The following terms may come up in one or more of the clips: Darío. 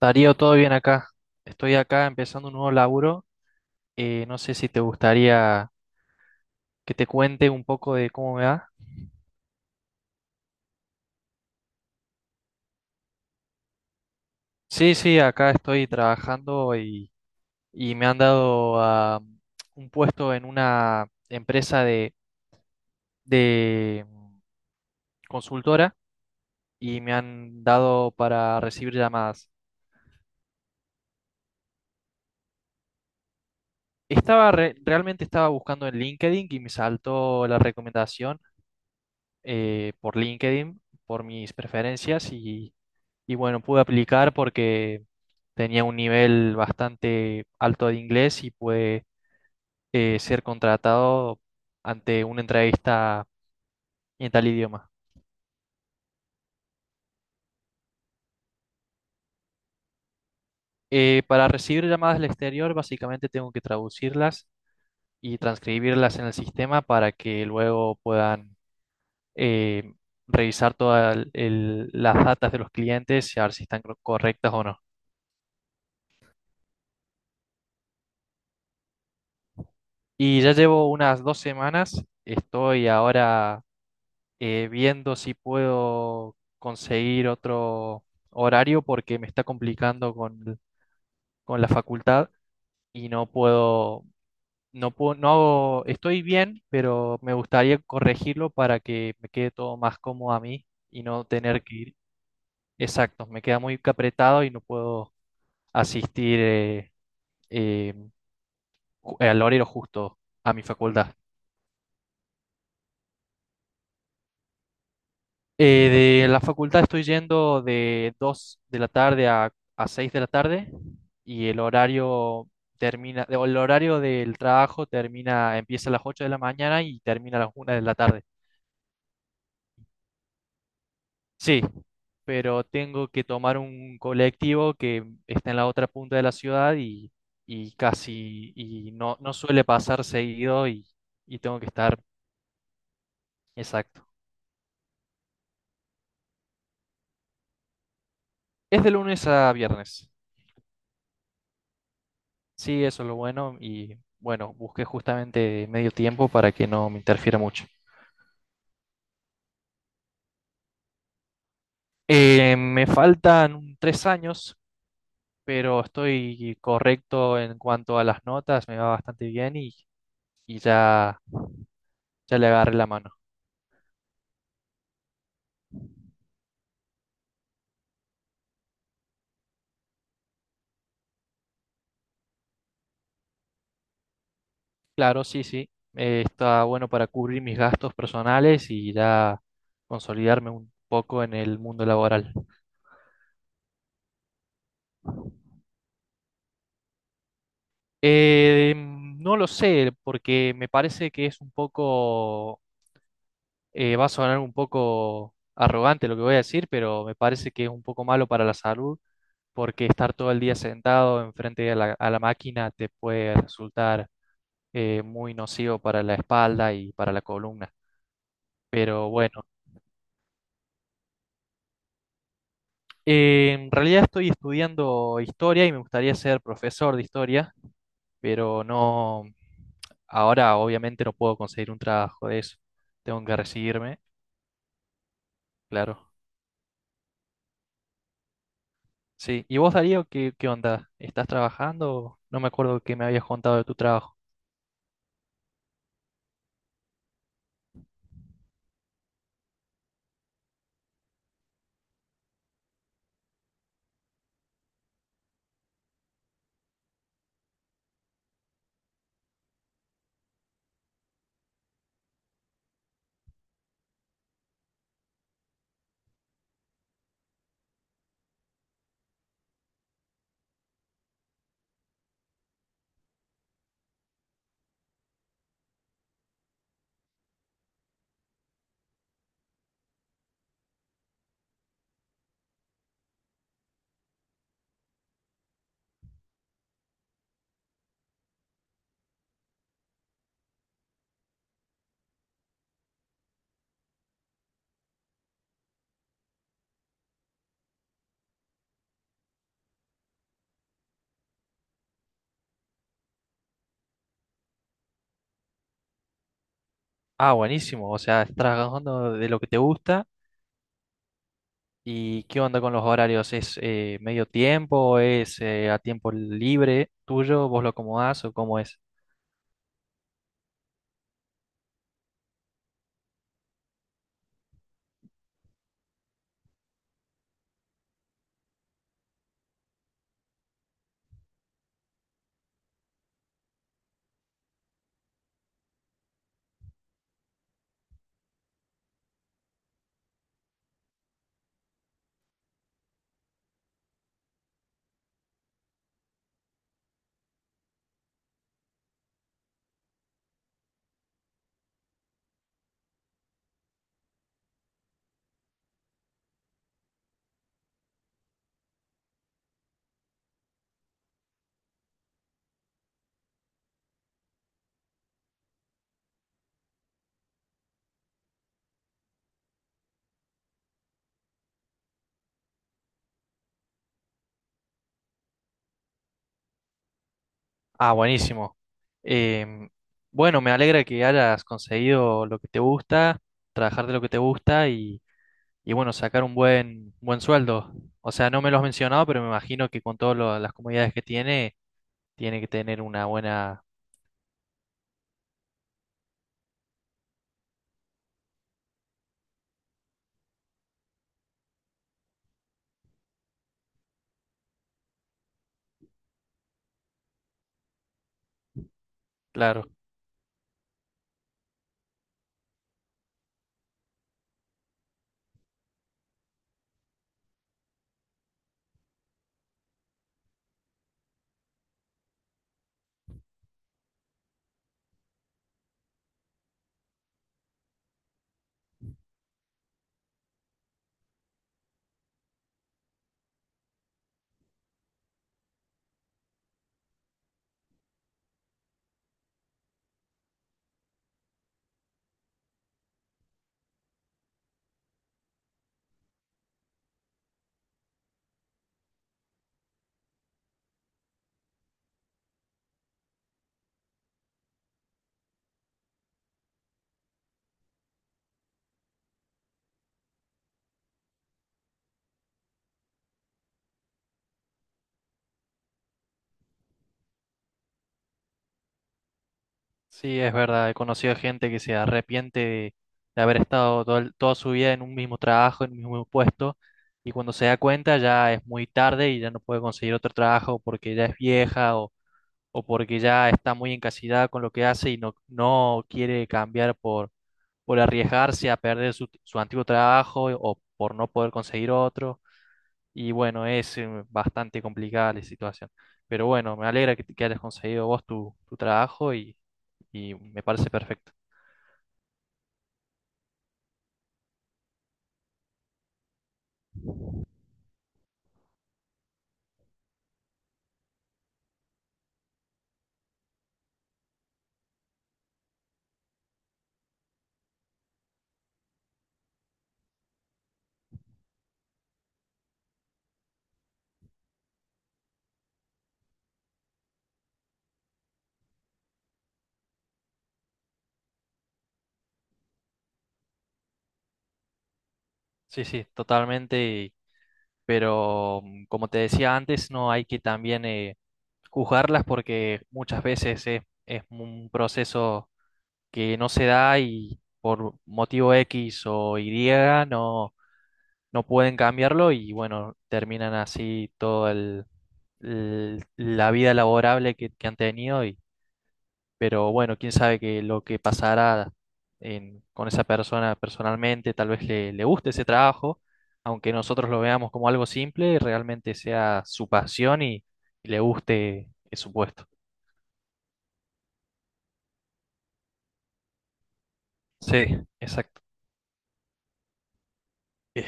Darío, todo bien acá. Estoy acá empezando un nuevo laburo. No sé si te gustaría que te cuente un poco de cómo me va. Sí, sí, acá estoy trabajando y me han dado un puesto en una empresa de consultora y me han dado para recibir llamadas. Estaba realmente estaba buscando en LinkedIn y me saltó la recomendación por LinkedIn, por mis preferencias y bueno, pude aplicar porque tenía un nivel bastante alto de inglés y pude ser contratado ante una entrevista en tal idioma. Para recibir llamadas del exterior, básicamente tengo que traducirlas y transcribirlas en el sistema para que luego puedan eh, revisar todas las datas de los clientes y a ver si están correctas o no. Y ya llevo unas 2 semanas, estoy ahora viendo si puedo conseguir otro horario porque me está complicando con la facultad y no puedo, no hago, estoy bien, pero me gustaría corregirlo para que me quede todo más cómodo a mí y no tener que ir. Exacto, me queda muy apretado y no puedo asistir eh, al horario justo a mi facultad. De la facultad estoy yendo de 2 de la tarde a 6 de la tarde y el horario termina, o el horario del trabajo termina, empieza a las 8 de la mañana y termina a las 1 de la tarde. Sí, pero tengo que tomar un colectivo que está en la otra punta de la ciudad y casi, y no suele pasar seguido y tengo que estar exacto. Es de lunes a viernes. Sí, eso es lo bueno y bueno, busqué justamente medio tiempo para que no me interfiera mucho. Me faltan 3 años, pero estoy correcto en cuanto a las notas, me va bastante bien y ya le agarré la mano. Claro, sí, sí, está bueno para cubrir mis gastos personales y ya consolidarme un poco en el mundo laboral. No lo sé, porque me parece que es un poco. Va a sonar un poco arrogante lo que voy a decir, pero me parece que es un poco malo para la salud, porque estar todo el día sentado enfrente a la, máquina te puede resultar muy nocivo para la espalda y para la columna. Pero bueno, en realidad estoy estudiando historia y me gustaría ser profesor de historia, pero no, ahora obviamente no puedo conseguir un trabajo de eso. Tengo que recibirme, claro. Sí, ¿y vos, Darío, qué onda? ¿Estás trabajando? No me acuerdo que me habías contado de tu trabajo. Ah, buenísimo, o sea, estás trabajando de lo que te gusta. ¿Y qué onda con los horarios? ¿Es medio tiempo? ¿Es a tiempo libre tuyo? ¿Vos lo acomodás o cómo es? Ah, buenísimo. Em, bueno, me alegra que hayas conseguido lo que te gusta, trabajar de lo que te gusta y bueno, sacar un buen sueldo. O sea, no me lo has mencionado, pero me imagino que con todas las comodidades que tiene que tener una buena... Claro, sí, es verdad. He conocido gente que se arrepiente de haber estado toda su vida en un mismo trabajo, en un mismo puesto, y cuando se da cuenta ya es muy tarde y ya no puede conseguir otro trabajo porque ya es vieja o porque ya está muy encasillada con lo que hace y no quiere cambiar por arriesgarse a perder su antiguo trabajo o por no poder conseguir otro. Y bueno, es bastante complicada la situación. Pero bueno, me alegra que hayas conseguido vos tu trabajo y me parece perfecto. Sí, sí, totalmente. Pero como te decía antes, no hay que también juzgarlas porque muchas veces es un proceso que no se da y por motivo X o Y no. no pueden cambiarlo y bueno, terminan así todo la vida laborable que han tenido y pero bueno, quién sabe que lo que pasará con esa persona personalmente, tal vez le guste ese trabajo, aunque nosotros lo veamos como algo simple, realmente sea su pasión y le guste su puesto. Sí, exacto. Eh,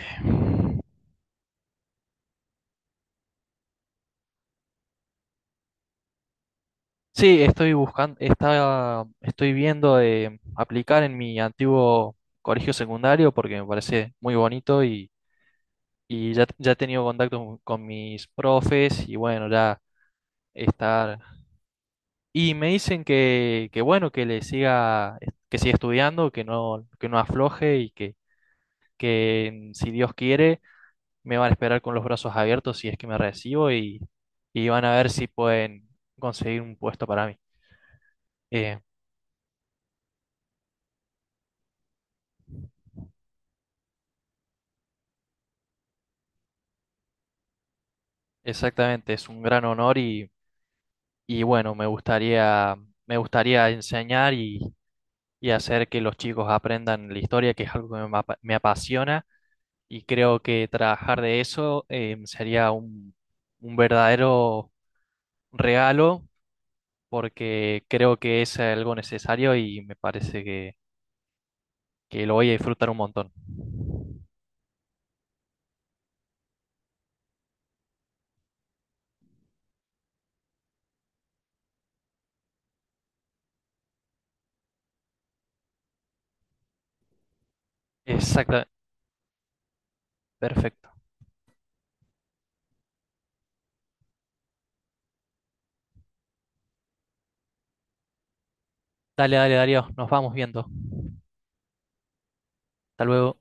Sí, estoy buscando, estoy viendo de aplicar en mi antiguo colegio secundario porque me parece muy bonito y ya he tenido contacto con mis profes y bueno, ya estar. Y me dicen que bueno, que siga estudiando, que no afloje y que si Dios quiere, me van a esperar con los brazos abiertos si es que me recibo y van a ver si pueden conseguir un puesto para mí. Eh, Exactamente, es un gran honor y bueno, me gustaría enseñar y hacer que los chicos aprendan la historia, que es algo me apasiona y creo que trabajar de eso sería un verdadero regalo porque creo que es algo necesario y me parece que lo voy a disfrutar un montón. Exacto, perfecto. Dale, dale, Darío, nos vamos viendo. Hasta luego.